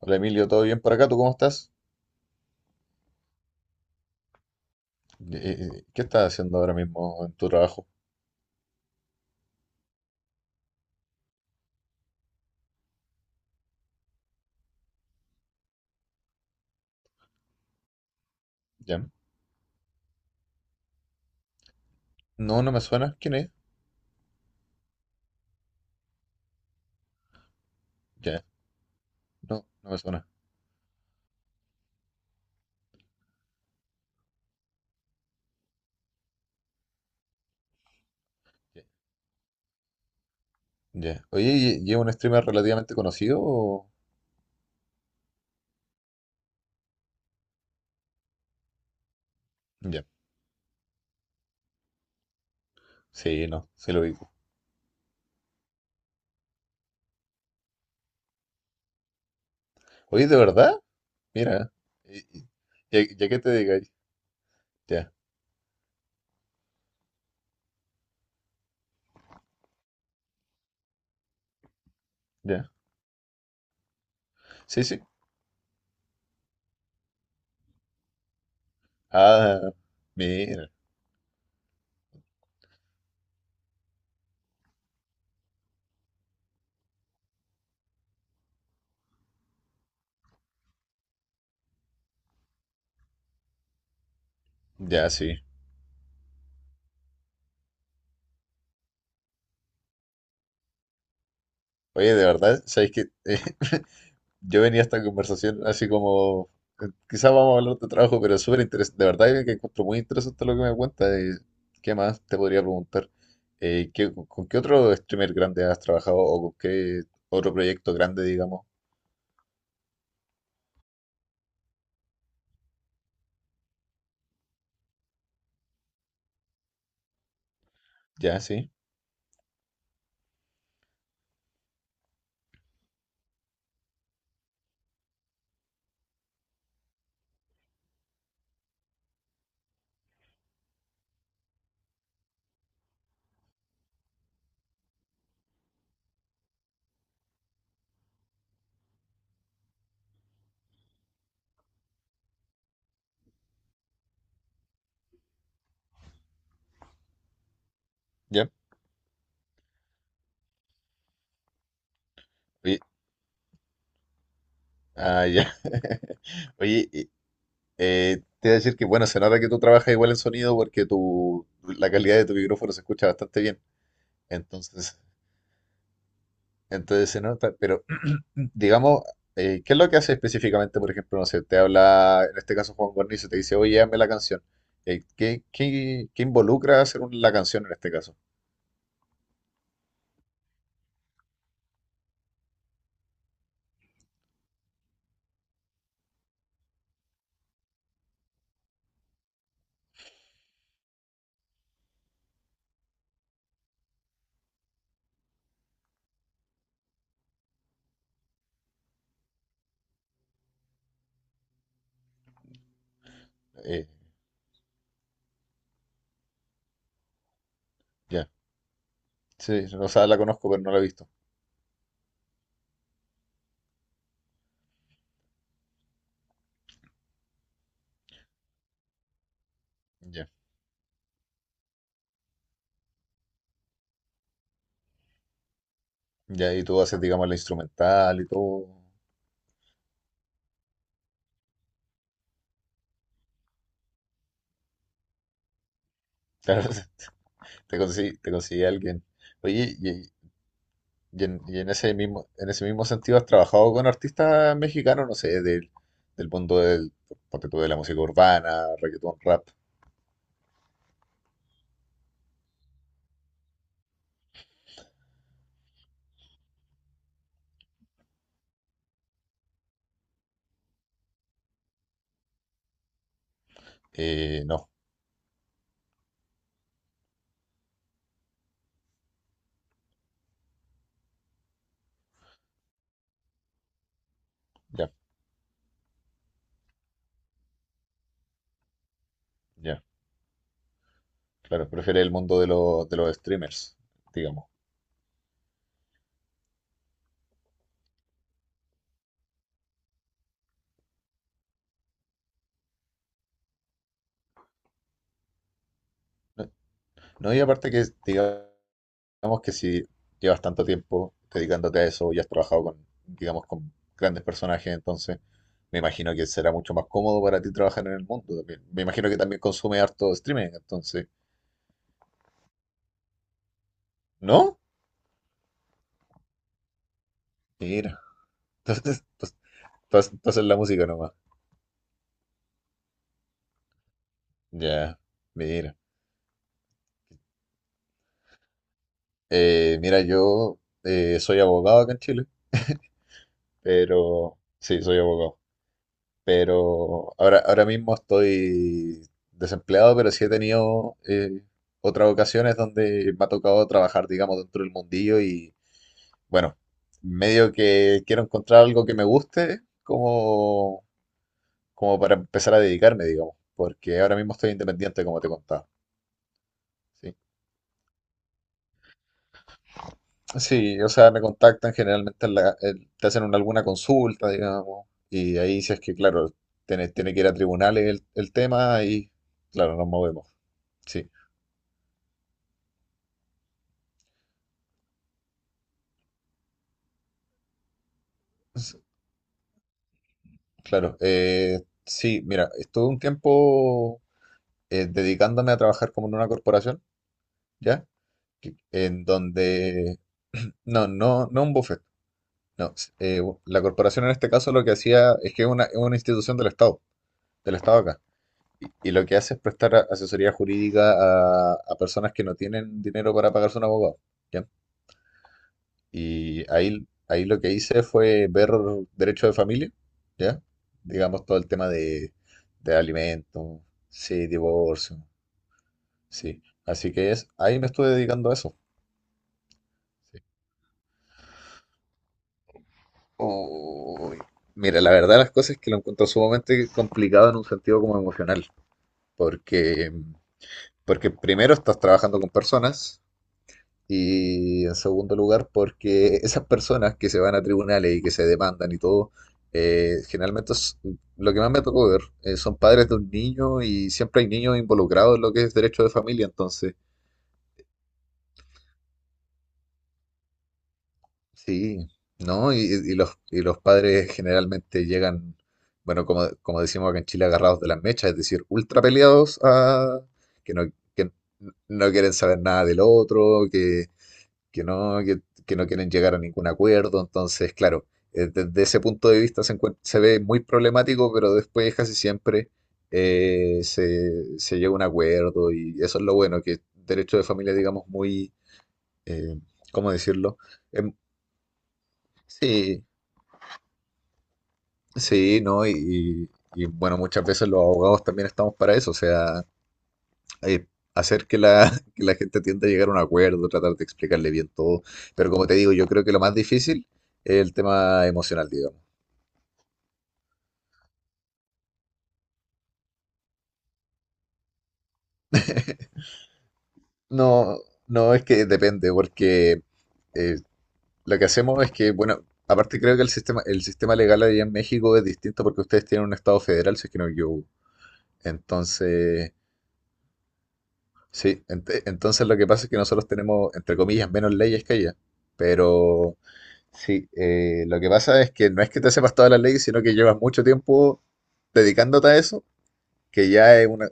Hola Emilio, ¿todo bien por acá? ¿Tú cómo estás? ¿Qué estás haciendo ahora mismo en tu trabajo? ¿Ya? No, no me suena. ¿Quién es? Ya. No, no me suena. Ya. Ya. Oye, ¿y es un streamer relativamente conocido o? Ya. Sí, no, sí lo digo. Oye, ¿de verdad? Mira. ¿Y, y- y a qué te dedicas? Ya, ya. Sí, sí. Ah, mira. Ya, sí. Oye, de verdad, ¿sabes qué? Yo venía a esta conversación así como, quizás vamos a hablar de trabajo, pero es súper interesante, de verdad que encuentro muy interesante lo que me cuenta. De ¿Qué más te podría preguntar? ¿Con qué otro streamer grande has trabajado o con qué otro proyecto grande, digamos? Ya, sí, ya. Oye, ah, ya. Oye, y, te voy a decir que, bueno, se nota que tú trabajas igual en sonido porque la calidad de tu micrófono se escucha bastante bien. Entonces, entonces se nota, pero digamos, ¿qué es lo que hace específicamente? Por ejemplo, no sé, te habla, en este caso Juan Guarnizo, te dice, oye, hazme la canción. ¿Qué involucra hacer la canción en este caso? Eh, ya, sí, o sea, la conozco, pero no la he visto. Ya, ya, y tú haces, digamos, la instrumental y todo. Claro, te consigue alguien. Oye, y en ese mismo, en ese mismo sentido, ¿has trabajado con artistas mexicanos, no sé, del mundo ponte tú, de la música urbana, reggaetón, rap? No, ya. Ya. Claro, prefiere el mundo los de los streamers, digamos. No, no, y aparte que, digamos que si llevas tanto tiempo dedicándote a eso y has trabajado con, digamos, con grandes personajes, entonces me imagino que será mucho más cómodo para ti trabajar en el mundo también. Me imagino que también consume harto streaming, entonces, ¿no? Mira, entonces, entonces, entonces, la música nomás. Ya, mira. Mira, yo soy abogado acá en Chile, pero sí, soy abogado. Pero ahora mismo estoy desempleado, pero sí he tenido otras ocasiones donde me ha tocado trabajar, digamos, dentro del mundillo y bueno, medio que quiero encontrar algo que me guste como para empezar a dedicarme, digamos, porque ahora mismo estoy independiente, como te contaba. Sí, sí, o sea, me contactan generalmente, te hacen alguna consulta, digamos, y ahí si es que, claro, tiene que ir a tribunales el tema y, claro, nos movemos. Sí. S- Claro, sí, mira, estuve un tiempo dedicándome a trabajar como en una corporación, ¿ya? En donde, no, no, no un buffet, no, la corporación en este caso lo que hacía es que es una institución del Estado, acá, y lo que hace es prestar asesoría jurídica a personas que no tienen dinero para pagarse un abogado, ¿ya? Y ahí lo que hice fue ver derecho de familia, ¿ya? Digamos todo el tema de, alimentos, sí, divorcio, sí. Así que ahí me estuve dedicando a eso. Sí. Uy, mira, la verdad las cosas es que lo encuentro sumamente complicado en un sentido como emocional, porque, porque primero estás trabajando con personas, y en segundo lugar, porque esas personas que se van a tribunales y que se demandan y todo, generalmente lo que más me tocó ver son padres de un niño y siempre hay niños involucrados en lo que es derecho de familia, entonces, sí, ¿no? Y los padres generalmente llegan, bueno, como, decimos acá en Chile, agarrados de las mechas, es decir, ultra peleados que no, que no quieren saber nada del otro, que no, que, que no quieren llegar a ningún acuerdo. Entonces, claro, desde ese punto de vista se ve muy problemático, pero después casi siempre se llega a un acuerdo y eso es lo bueno, que derecho de familia, digamos, eh, ¿cómo decirlo? Em, sí, sí, ¿no? Y- bueno, muchas veces los abogados también estamos para eso, o sea, eh, hacer que la, que la gente tienda a llegar a un acuerdo, tratar de explicarle bien todo. Pero como te digo, yo creo que lo más difícil es el tema emocional, digamos. No, no es que depende, porque eh, lo que hacemos es que, bueno, aparte creo que el sistema legal allá en México es distinto porque ustedes tienen un estado federal, si es que no yo. Entonces, sí, entonces lo que pasa es que nosotros tenemos, entre comillas, menos leyes que allá, pero sí, lo que pasa es que no es que te sepas todas las leyes, sino que llevas mucho tiempo dedicándote a eso, que ya es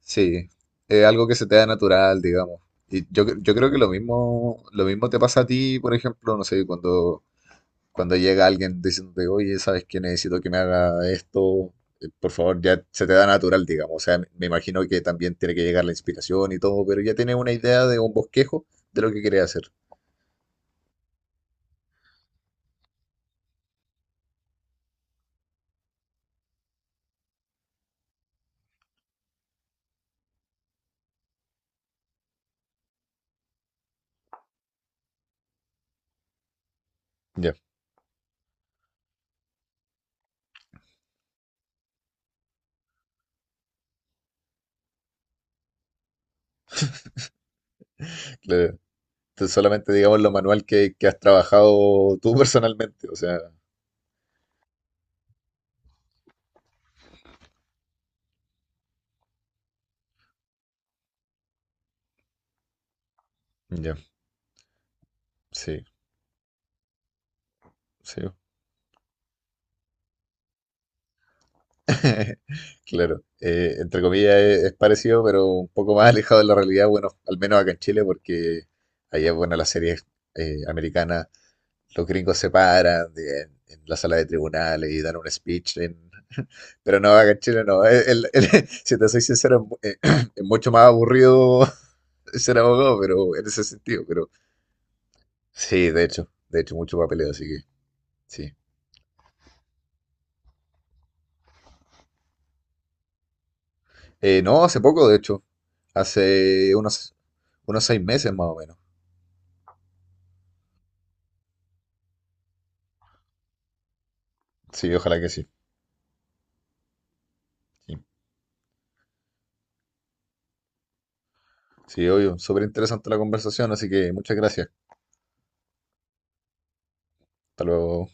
sí, es algo que se te da natural, digamos. Y yo creo que lo mismo, te pasa a ti, por ejemplo, no sé, cuando llega alguien diciéndote, oye, ¿sabes qué? Necesito que me haga esto, por favor, ya se te da natural, digamos. O sea, me imagino que también tiene que llegar la inspiración y todo, pero ya tienes una idea de un bosquejo de lo que quieres hacer. Ya, claro. Entonces, solamente digamos lo manual que has trabajado tú personalmente, o sea, ya, sí, sí. Claro, entre comillas es parecido, pero un poco más alejado de la realidad, bueno, al menos acá en Chile, porque allá, bueno, las series americanas, los gringos se paran en la sala de tribunales y dan un speech en. Pero no, acá en Chile no. Si te soy sincero, es mucho más aburrido ser abogado, pero en ese sentido, sí, de hecho, mucho papeleo, así que sí. No, hace poco, de hecho, hace unos 6 meses más o menos. Sí, ojalá que sí. Sí, sí obvio, súper interesante la conversación, así que muchas gracias. Hasta luego.